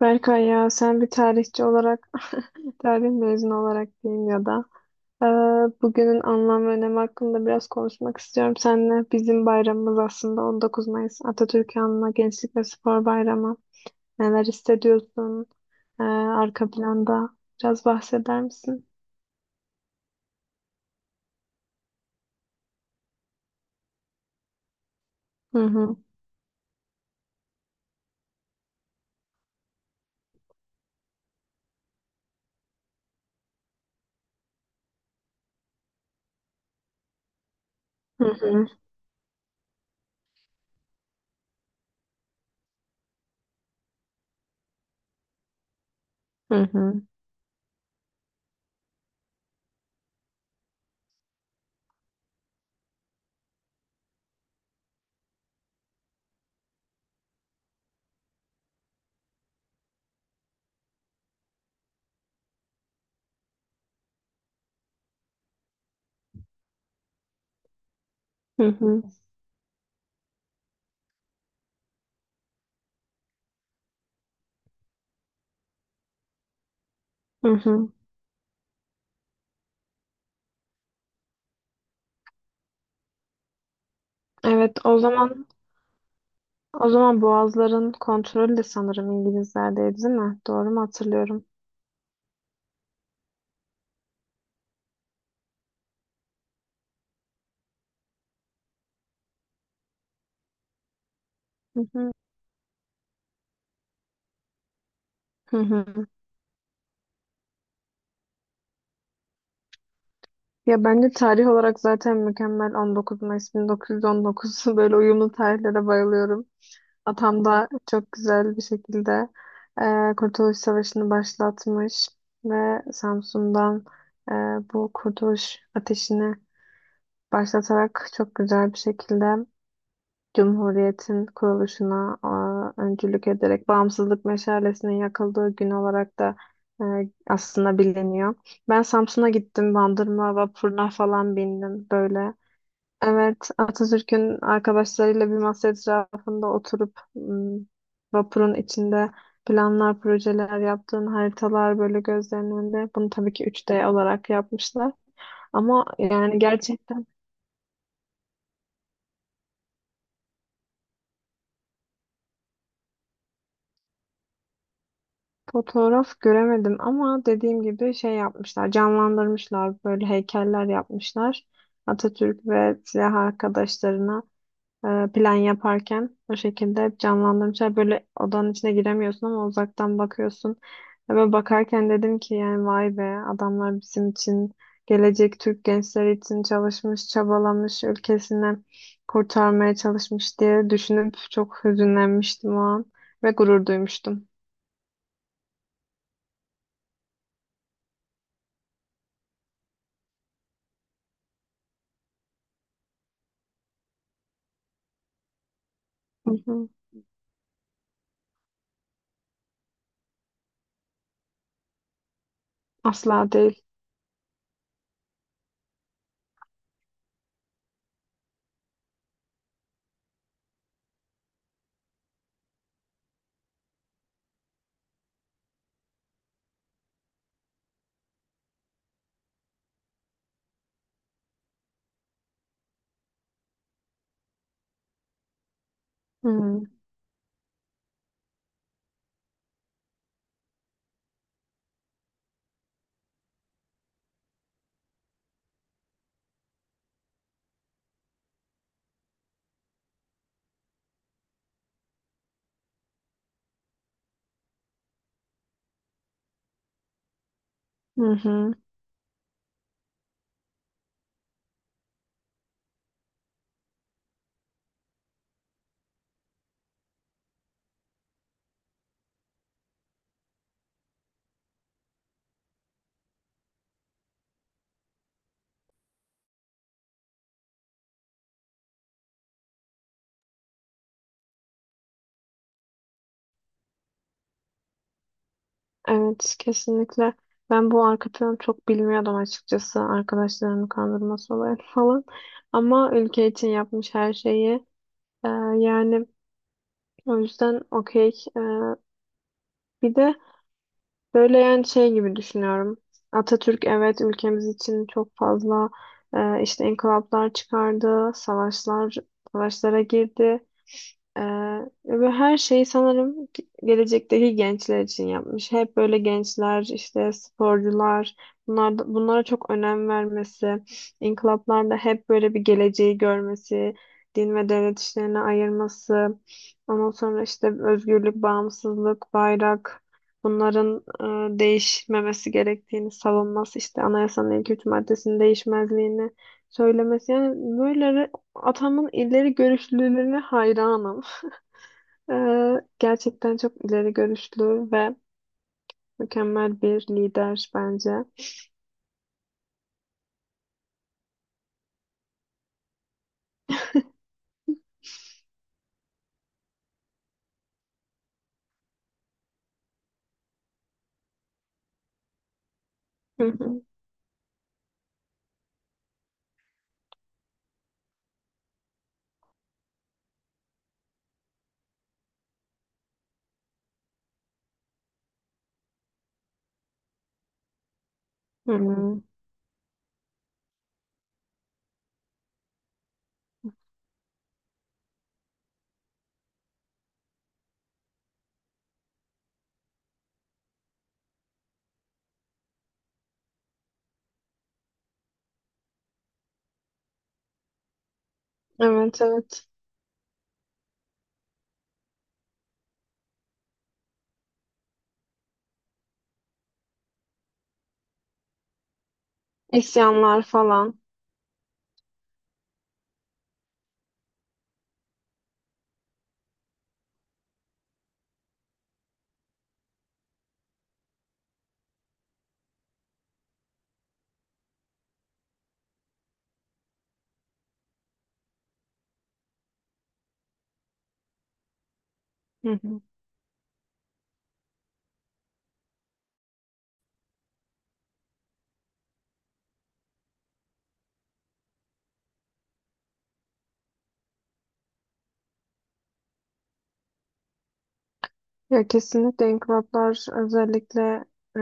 Berkay, ya sen bir tarihçi olarak, tarih mezunu olarak diyeyim ya da eee, bugünün anlam ve önemi hakkında biraz konuşmak istiyorum seninle. Bizim bayramımız aslında 19 Mayıs Atatürk'ü Anma Gençlik ve Spor Bayramı. Neler hissediyorsun arka planda? Biraz bahseder misin? Hı hı. Hı hı. Hı hı. Hı hı. Hı hı. Evet, o zaman Boğazların kontrolü de sanırım İngilizlerdeydi, değil mi? Doğru mu hatırlıyorum? Hı hı. Hı hı. Ya bence tarih olarak zaten mükemmel, 19 Mayıs 1919. Böyle uyumlu tarihlere bayılıyorum. Atam da çok güzel bir şekilde Kurtuluş Savaşı'nı başlatmış ve Samsun'dan e, bu kurtuluş ateşini başlatarak çok güzel bir şekilde Cumhuriyet'in kuruluşuna öncülük ederek bağımsızlık meşalesinin yakıldığı gün olarak da e, aslında biliniyor. Ben Samsun'a gittim, Bandırma vapuruna falan bindim böyle. Evet, Atatürk'ün arkadaşlarıyla bir masa etrafında oturup vapurun içinde planlar, projeler yaptığın haritalar böyle gözlerinin önünde. Bunu tabii ki üç d olarak yapmışlar. Ama yani gerçi, fotoğraf göremedim ama dediğim gibi şey yapmışlar, canlandırmışlar, böyle heykeller yapmışlar. Atatürk ve silah arkadaşlarına plan yaparken o şekilde hep canlandırmışlar. Böyle odanın içine giremiyorsun ama uzaktan bakıyorsun. Ve ben bakarken dedim ki, yani vay be, adamlar bizim için, gelecek Türk gençleri için çalışmış, çabalamış, ülkesini kurtarmaya çalışmış diye düşünüp çok hüzünlenmiştim o an ve gurur duymuştum. Asla değil. Hmm. Hı hı. Evet, kesinlikle. Ben bu arka planı çok bilmiyordum açıkçası. Arkadaşlarımı kandırması olayı falan. Ama ülke için yapmış her şeyi. Ee, yani o yüzden okey. Ee, bir de böyle yani şey gibi düşünüyorum. Atatürk, evet, ülkemiz için çok fazla işte inkılaplar çıkardı, savaşlara girdi. E, ve her şeyi gelecekteki gençler için yapmış. Hep böyle gençler, işte sporcular, bunlara çok önem vermesi, inkılaplarda hep böyle bir geleceği görmesi, din ve devlet işlerine ayırması, ondan sonra işte özgürlük, bağımsızlık, bayrak, bunların değişmemesi gerektiğini savunması, işte anayasanın ilk üç maddesinin değişmezliğini söylemesi. Yani böyle atamın ileri görüşlülüğüne hayranım. E, gerçekten çok ileri görüşlü ve mükemmel bir lider bence. Hı hı. Hı. Evet, evet. İsyanlar falan. Hı hı. Ya kesinlikle inkılaplar, özellikle e,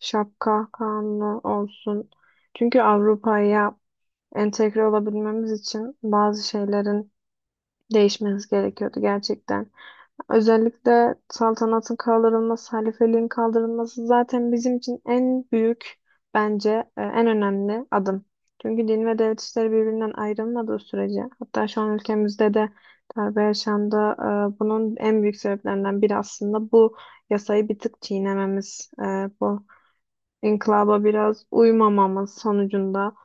şapka kanunu olsun. Çünkü Avrupa'ya entegre olabilmemiz için bazı şeylerin değişmesi gerekiyordu gerçekten. Özellikle saltanatın kaldırılması, halifeliğin kaldırılması zaten bizim için en büyük, bence en önemli adım. Çünkü din ve devlet işleri birbirinden ayrılmadığı sürece, hatta şu an ülkemizde de darbe yaşandı. Bunun en büyük sebeplerinden biri aslında bu yasayı bir tık çiğnememiz, bu inkılaba biraz uymamamız sonucunda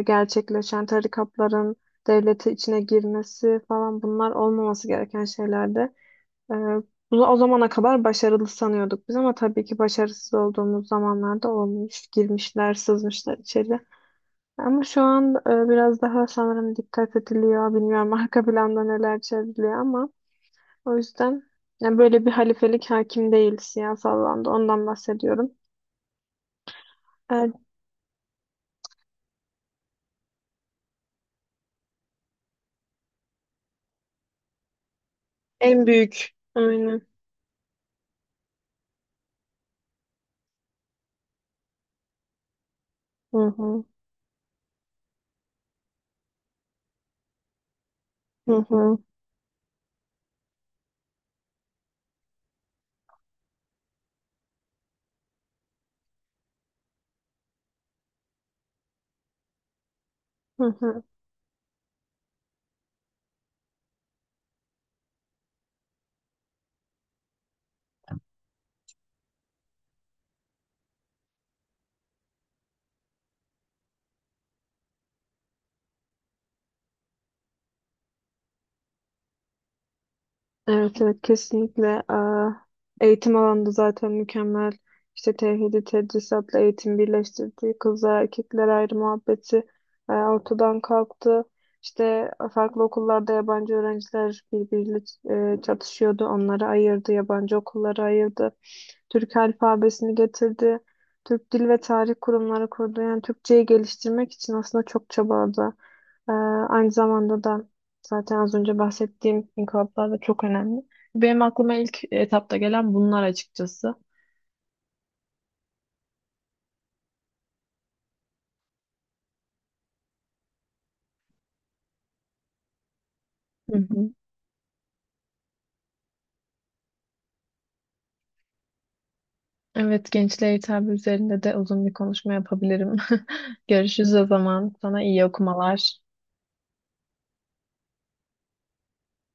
gerçekleşen tarikatların devlete içine girmesi falan, bunlar olmaması gereken şeylerdi. Ee, bunu o zamana kadar başarılı sanıyorduk biz ama tabii ki başarısız olduğumuz zamanlarda olmuş. Girmişler, sızmışlar içeri. Ama şu an biraz daha sanırım dikkat ediliyor. Bilmiyorum, arka planda neler çevriliyor ama o yüzden, yani, böyle bir halifelik hakim değil siyasal alanda. Ondan bahsediyorum. Ee, en büyük. Aynen. Hı hı. Hı hı. Hı hı. Evet, evet, kesinlikle. Eğitim alanında zaten mükemmel. İşte tevhidi tedrisatla eğitim birleştirdi, kızlar erkekler ayrı muhabbeti ortadan kalktı. İşte farklı okullarda yabancı öğrenciler birbiriyle çatışıyordu. Onları ayırdı, yabancı okulları ayırdı. Türk alfabesini getirdi. Türk Dil ve Tarih Kurumları kurdu. Yani Türkçeyi geliştirmek için aslında çok çabaladı. Ee, aynı zamanda da zaten az önce bahsettiğim inkılaplar da çok önemli. Benim aklıma ilk etapta gelen bunlar açıkçası. Hı hı. Evet, gençliğe hitap üzerinde de uzun bir konuşma yapabilirim. Görüşürüz o zaman. Sana iyi okumalar.